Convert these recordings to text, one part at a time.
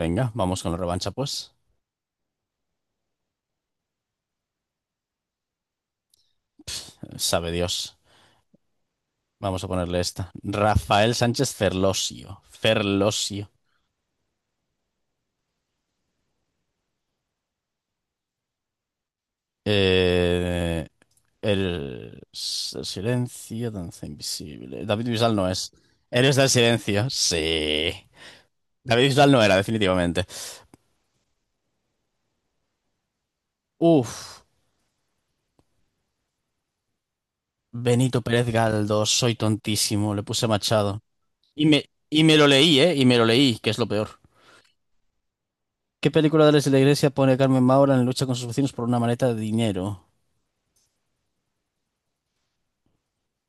Venga, vamos con la revancha, pues. Sabe Dios. Vamos a ponerle esta. Rafael Sánchez Ferlosio. Ferlosio. Eh, el silencio, danza invisible. David Bisbal no es. Héroes del silencio. Sí. David Bisbal no era, definitivamente. Uf. Benito Pérez Galdós. Soy tontísimo. Le puse Machado. Y me, y me lo leí, ¿eh? Y me lo leí, que es lo peor. ¿Qué película de la Iglesia pone Carmen Maura en lucha con sus vecinos por una maleta de dinero?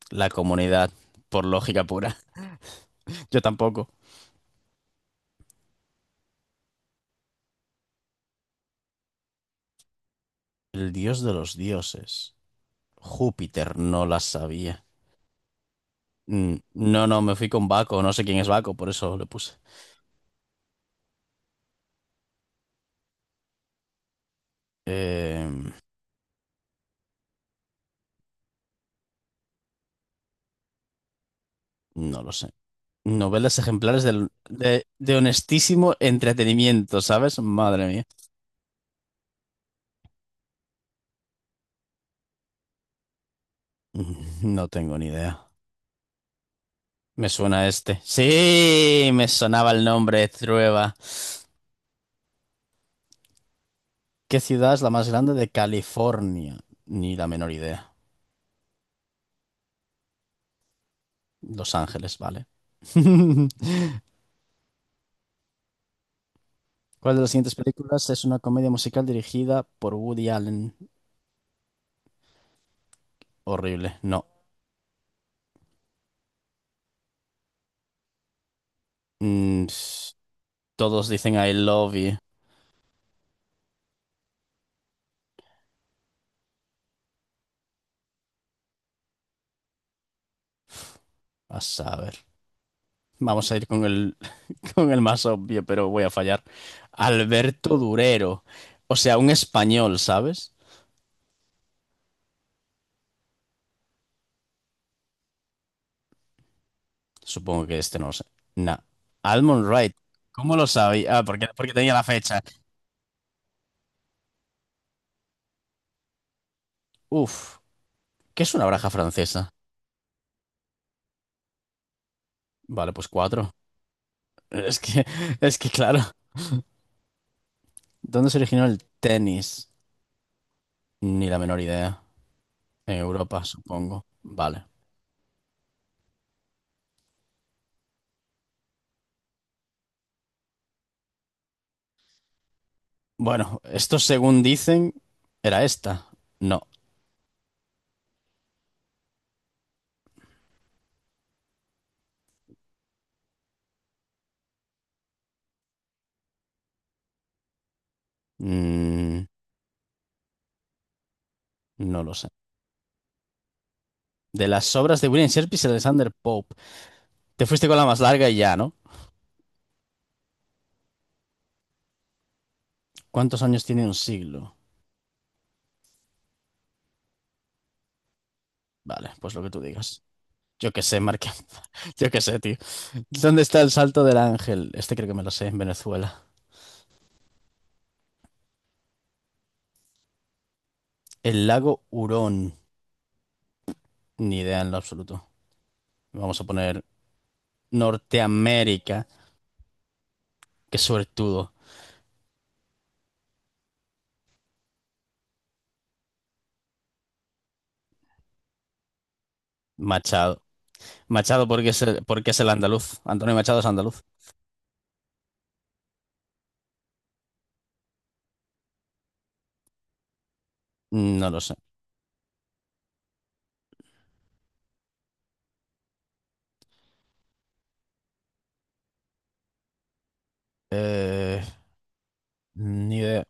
La comunidad, por lógica pura. Yo tampoco. El dios de los dioses. Júpiter no la sabía. No, no, me fui con Baco. No sé quién es Baco, por eso le puse. Eh, no lo sé. Novelas ejemplares de honestísimo entretenimiento, ¿sabes? Madre mía. No tengo ni idea. Me suena este. Sí, me sonaba el nombre, Trueba. ¿Qué ciudad es la más grande de California? Ni la menor idea. Los Ángeles, vale. ¿Cuál de las siguientes películas es una comedia musical dirigida por Woody Allen? Horrible. No. Mm, s- Todos dicen I love you. A saber. Vamos a ir con el, con el más obvio, pero voy a fallar. Alberto Durero. O sea, un español, ¿sabes? Supongo que este no lo sé. Nah. Almond Wright. ¿Cómo lo sabía? Ah, porque tenía la fecha. Uf. ¿Qué es una baraja francesa? Vale, pues cuatro. Es que, es que claro. ¿Dónde se originó el tenis? Ni la menor idea. En Europa, supongo. Vale. Bueno, esto según dicen, era esta. No. Mm, no lo sé. De las obras de William Shakespeare y Alexander Pope. Te fuiste con la más larga y ya, ¿no? ¿Cuántos años tiene un siglo? Vale, pues lo que tú digas. Yo qué sé, Marque. Yo qué sé, tío. ¿Dónde está el Salto del Ángel? Este creo que me lo sé, en Venezuela. El lago Hurón. Ni idea en lo absoluto. Vamos a poner Norteamérica. Qué suertudo. Machado. Machado, porque es el andaluz. Antonio Machado es andaluz. No lo sé. Eh, ni idea.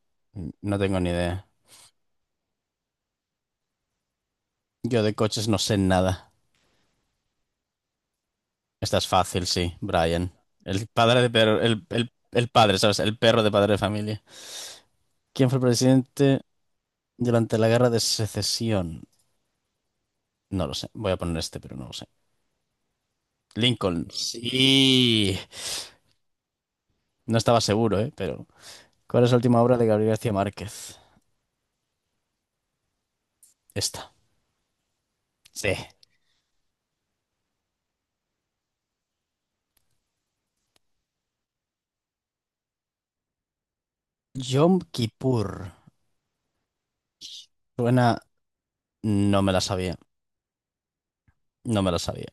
No tengo ni idea. Yo de coches no sé nada. Esta es fácil, sí, Brian. El padre, ¿sabes? El perro de padre de familia. ¿Quién fue el presidente durante la guerra de secesión? No lo sé. Voy a poner este, pero no lo sé. Lincoln. Sí. No estaba seguro, ¿eh? Pero. ¿Cuál es la última obra de Gabriel García Márquez? Esta. Sí. Yom Kippur. Suena No me la sabía. No me la sabía.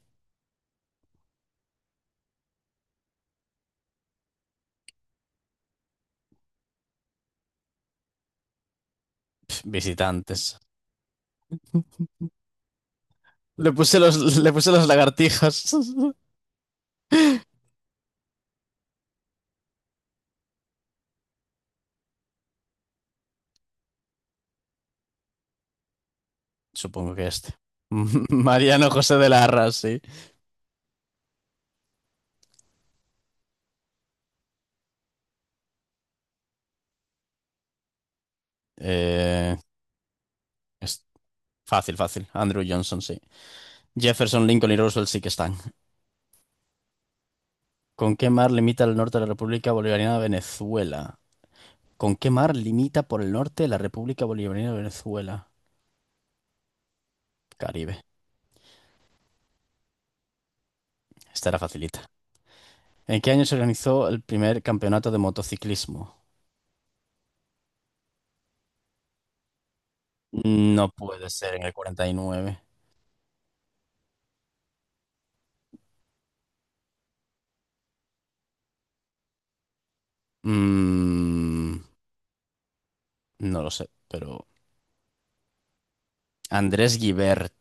Pf, visitantes. Le puse los lagartijas. Supongo que este. Mariano José de Larra, sí. Eh, es fácil, fácil. Andrew Johnson, sí. Jefferson, Lincoln y Roosevelt sí que están. ¿Con qué mar limita el norte de la República Bolivariana de Venezuela? ¿Con qué mar limita por el norte la República Bolivariana de Venezuela? Caribe. Esta era facilita. ¿En qué año se organizó el primer campeonato de motociclismo? No puede ser en el 49. Mm, no lo sé, pero Andrés Guibert.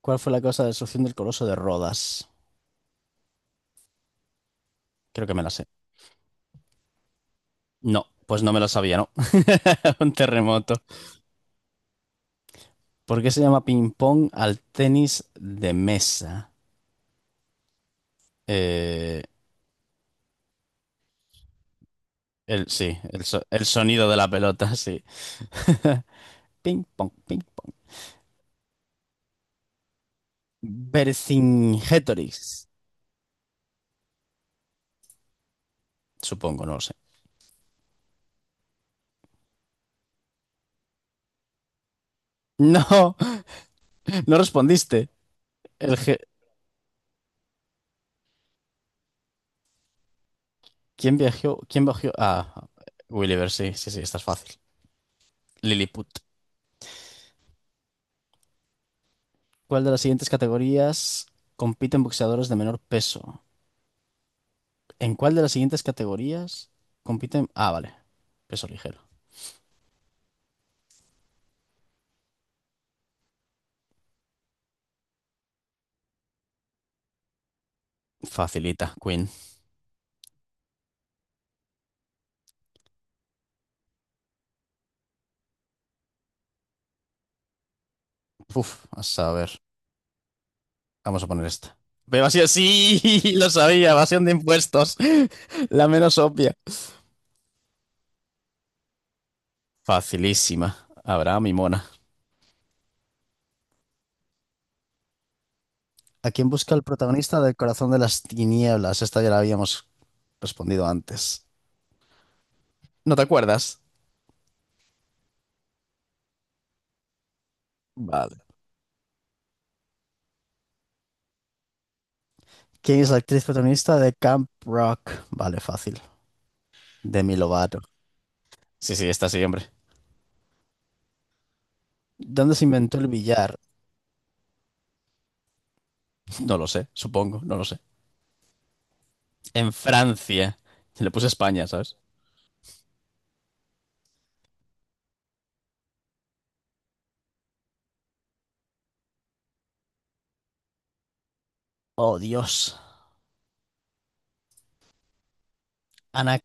¿Cuál fue la causa de la destrucción del Coloso de Rodas? Creo que me la sé. No, pues no me la sabía, ¿no? Un terremoto. ¿Por qué se llama ping-pong al tenis de mesa? Eh, el, el sonido de la pelota, sí. Ping-pong, ping-pong. Vercingetorix, supongo, no lo sé. No, no respondiste. El, ¿Quién viajó? ¿Quién bajó Ah, Gulliver, sí, sí, sí, esta es fácil. Lilliput. ¿Cuál de las siguientes categorías compiten boxeadores de menor peso? ¿En cuál de las siguientes categorías compiten? Ah, vale. Peso ligero. Facilita, Queen. Uf, a saber. Vamos a poner esta. Pero así, sí, lo sabía, evasión de impuestos. La menos obvia. Facilísima. Abraham y Mona. ¿A quién busca el protagonista del Corazón de las Tinieblas? Esta ya la habíamos respondido antes. ¿No te acuerdas? Vale. ¿Quién es la actriz protagonista de Camp Rock? Vale, fácil. Demi Lovato. Sí, sí, está sí, hombre. ¿Dónde se inventó el billar? No lo sé, supongo, no lo sé. En Francia. Le puse España, ¿sabes? Oh, Dios. Ana.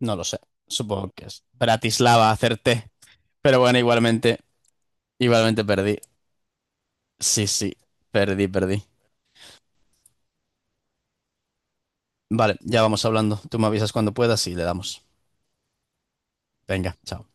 No lo sé. Supongo que es Bratislava, acerté. Pero bueno, igualmente, igualmente perdí. Sí, sí, perdí, perdí. Vale, ya vamos hablando. Tú me avisas cuando puedas y le damos. Venga, chao.